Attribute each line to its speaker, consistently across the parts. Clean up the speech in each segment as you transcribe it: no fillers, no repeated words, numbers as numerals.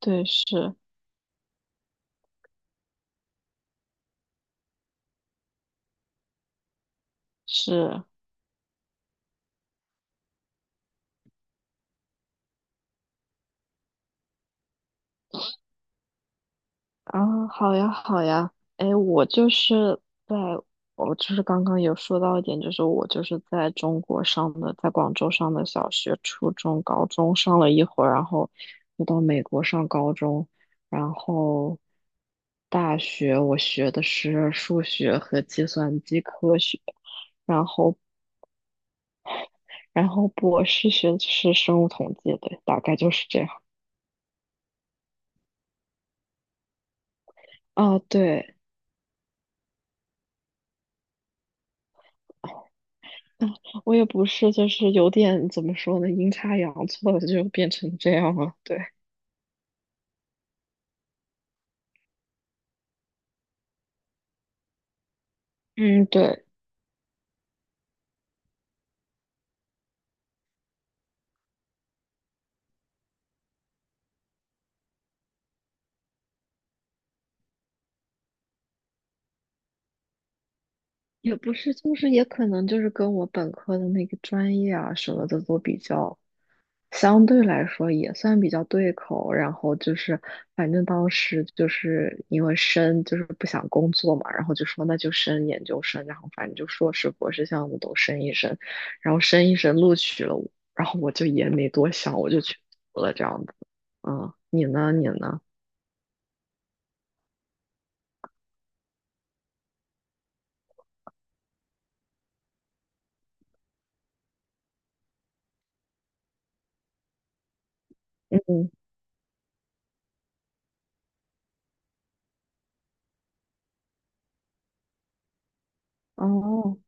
Speaker 1: 对，是啊，好呀好呀，哎，我就是在，我就是刚刚有说到一点，就是我就是在中国上的，在广州上的小学、初中、高中上了一会儿，然后又到美国上高中，然后大学我学的是数学和计算机科学，然后然后博士学的是生物统计，对，大概就是这样。啊，对。啊，我也不是，就是有点怎么说呢，阴差阳错的就变成这样了。对，嗯，对，也不是，就是也可能就是跟我本科的那个专业啊什么的都比较，相对来说也算比较对口。然后就是，反正当时就是因为就是不想工作嘛，然后就说那就升研究生，然后反正就硕士、博士项目都升一升，然后升一升录取了我，然后我就也没多想，我就去读了这样子。嗯，你呢？你呢？嗯，哦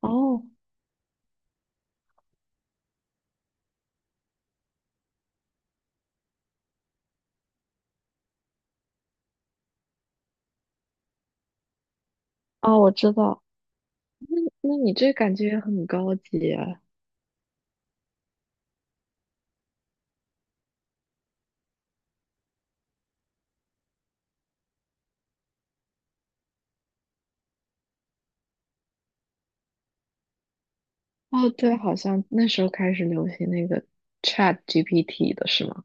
Speaker 1: 哦哦，我知道。那那你这感觉也很高级。哦，对，好像那时候开始流行那个 Chat GPT 的是吗？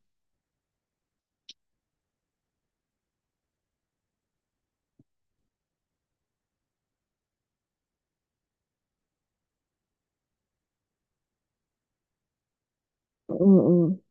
Speaker 1: 嗯嗯，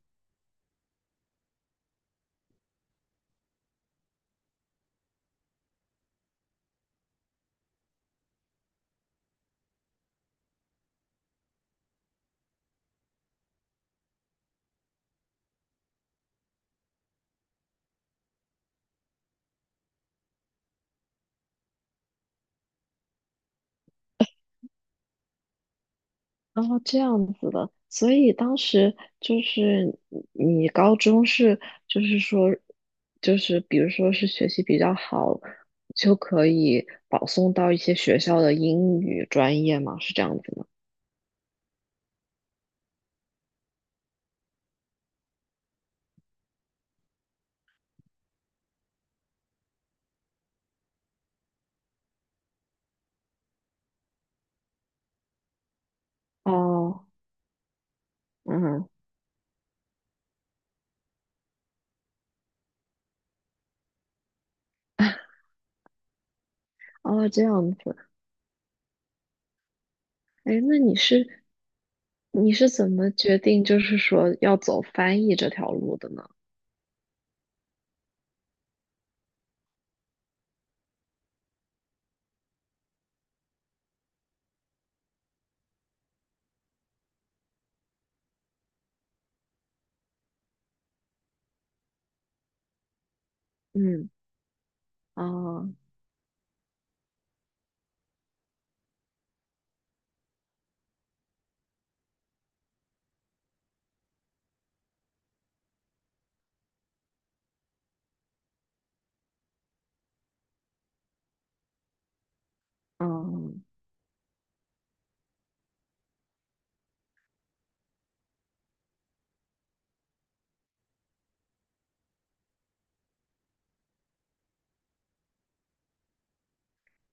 Speaker 1: 哦，这样子的，所以当时就是你高中是，就是说，就是比如说是学习比较好，就可以保送到一些学校的英语专业吗？是这样子吗？哦，嗯，哦，这样子，哎，那你是你是怎么决定就是说要走翻译这条路的呢？嗯，哦。嗯，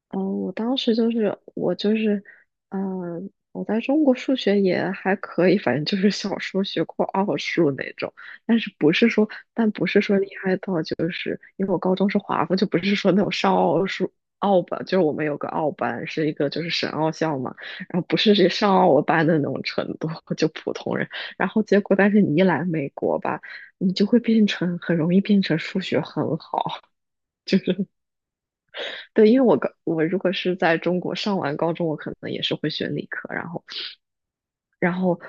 Speaker 1: 嗯，我当时就是我就是，嗯、我在中国数学也还可以，反正就是小时候学过奥数那种，但是不是说，但不是说厉害到就是，因为我高中是华附，就不是说那种上奥数奥班，就是我们有个奥班，是一个就是省奥校嘛，然后不是上奥班的那种程度，就普通人，然后结果但是你一来美国吧，你就会变成很容易变成数学很好。对，因为我高我如果是在中国上完高中，我可能也是会选理科，然后然后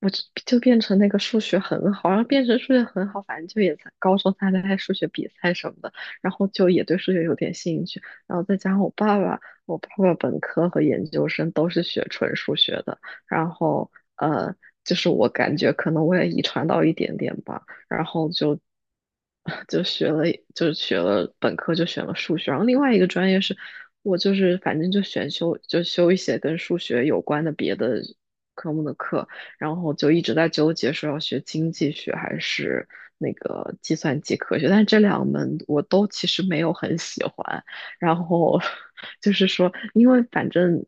Speaker 1: 我就变成那个数学很好，然后变成数学很好，反正就也在高中参加数学比赛什么的，然后就也对数学有点兴趣，然后再加上我爸爸，我爸爸本科和研究生都是学纯数学的，然后呃，就是我感觉可能我也遗传到一点点吧。然后就学了，就学了本科就选了数学，然后另外一个专业是我就是反正就选修就修一些跟数学有关的别的科目的课，然后就一直在纠结说要学经济学还是那个计算机科学，但是这两门我都其实没有很喜欢，然后 就是说，因为反正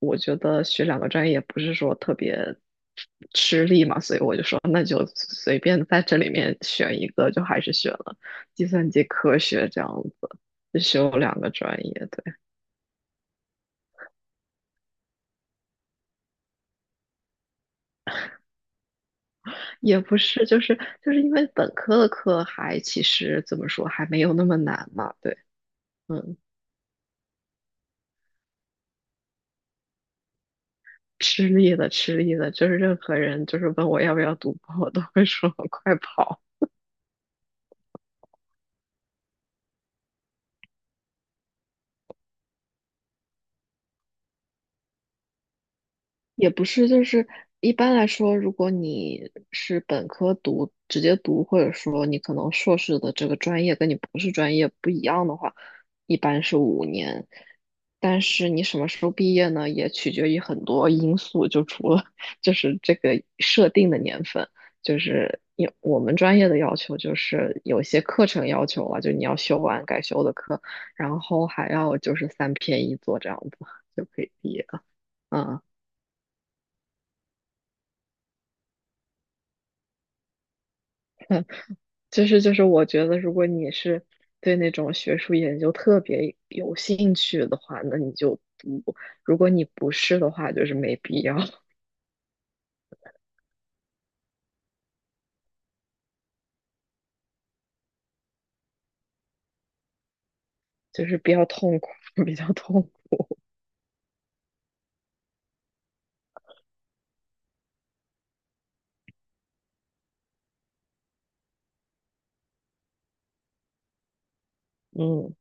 Speaker 1: 我觉得学两个专业也不是说特别吃力嘛，所以我就说那就随便在这里面选一个，就还是选了计算机科学这样子，就修两个专业。对，也不是，就是因为本科的课还其实怎么说还没有那么难嘛，对，嗯。吃力的，吃力的，就是任何人就是问我要不要读博，我都会说 快跑。也不是，就是一般来说，如果你是本科读，直接读，或者说你可能硕士的这个专业跟你博士专业不一样的话，一般是5年。但是你什么时候毕业呢，也取决于很多因素，就除了 就是这个设定的年份，就是有我们专业的要求，就是有些课程要求啊，就你要修完该修的课，然后还要就是3篇一作这样子就可以毕业了。嗯。我觉得如果你是对那种学术研究特别有兴趣的话，那你就读；如果你不是的话，就是没必要，就是比较痛苦，比较痛苦。嗯，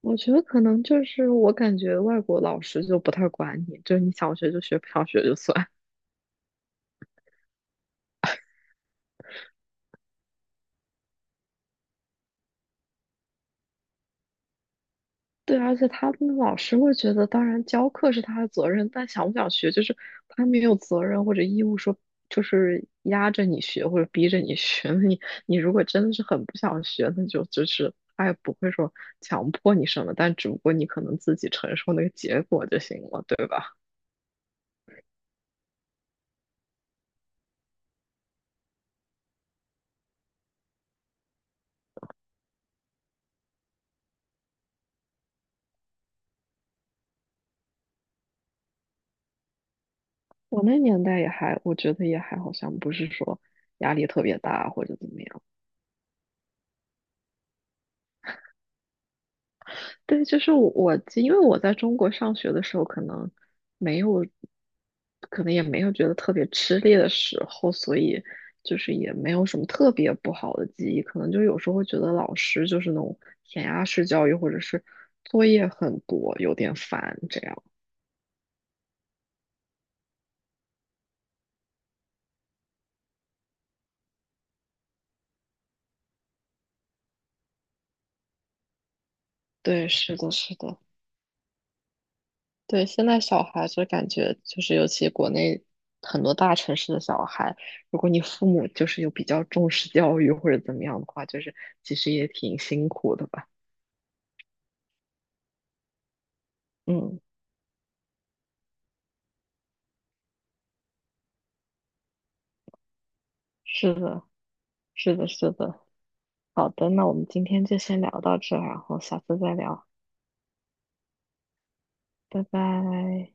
Speaker 1: 我觉得可能就是我感觉外国老师就不太管你，就是你想学就学，不想学就算。对，而且他们老师会觉得，当然教课是他的责任，但想不想学，就是他没有责任或者义务说，就是压着你学或者逼着你学。你如果真的是很不想学，那就就是他也不会说强迫你什么，但只不过你可能自己承受那个结果就行了，对吧？我那年代也还，我觉得也还好像不是说压力特别大或者怎么样。对，我因为我在中国上学的时候，可能没有，可能也没有觉得特别吃力的时候，所以就是也没有什么特别不好的记忆。可能就有时候会觉得老师就是那种填鸭式教育，或者是作业很多，有点烦这样。对，是的，是的，对。现在小孩就感觉就是，尤其国内很多大城市的小孩，如果你父母就是有比较重视教育或者怎么样的话，就是其实也挺辛苦的吧。嗯，是的，是的，是的。好的，那我们今天就先聊到这儿然后下次再聊，拜拜。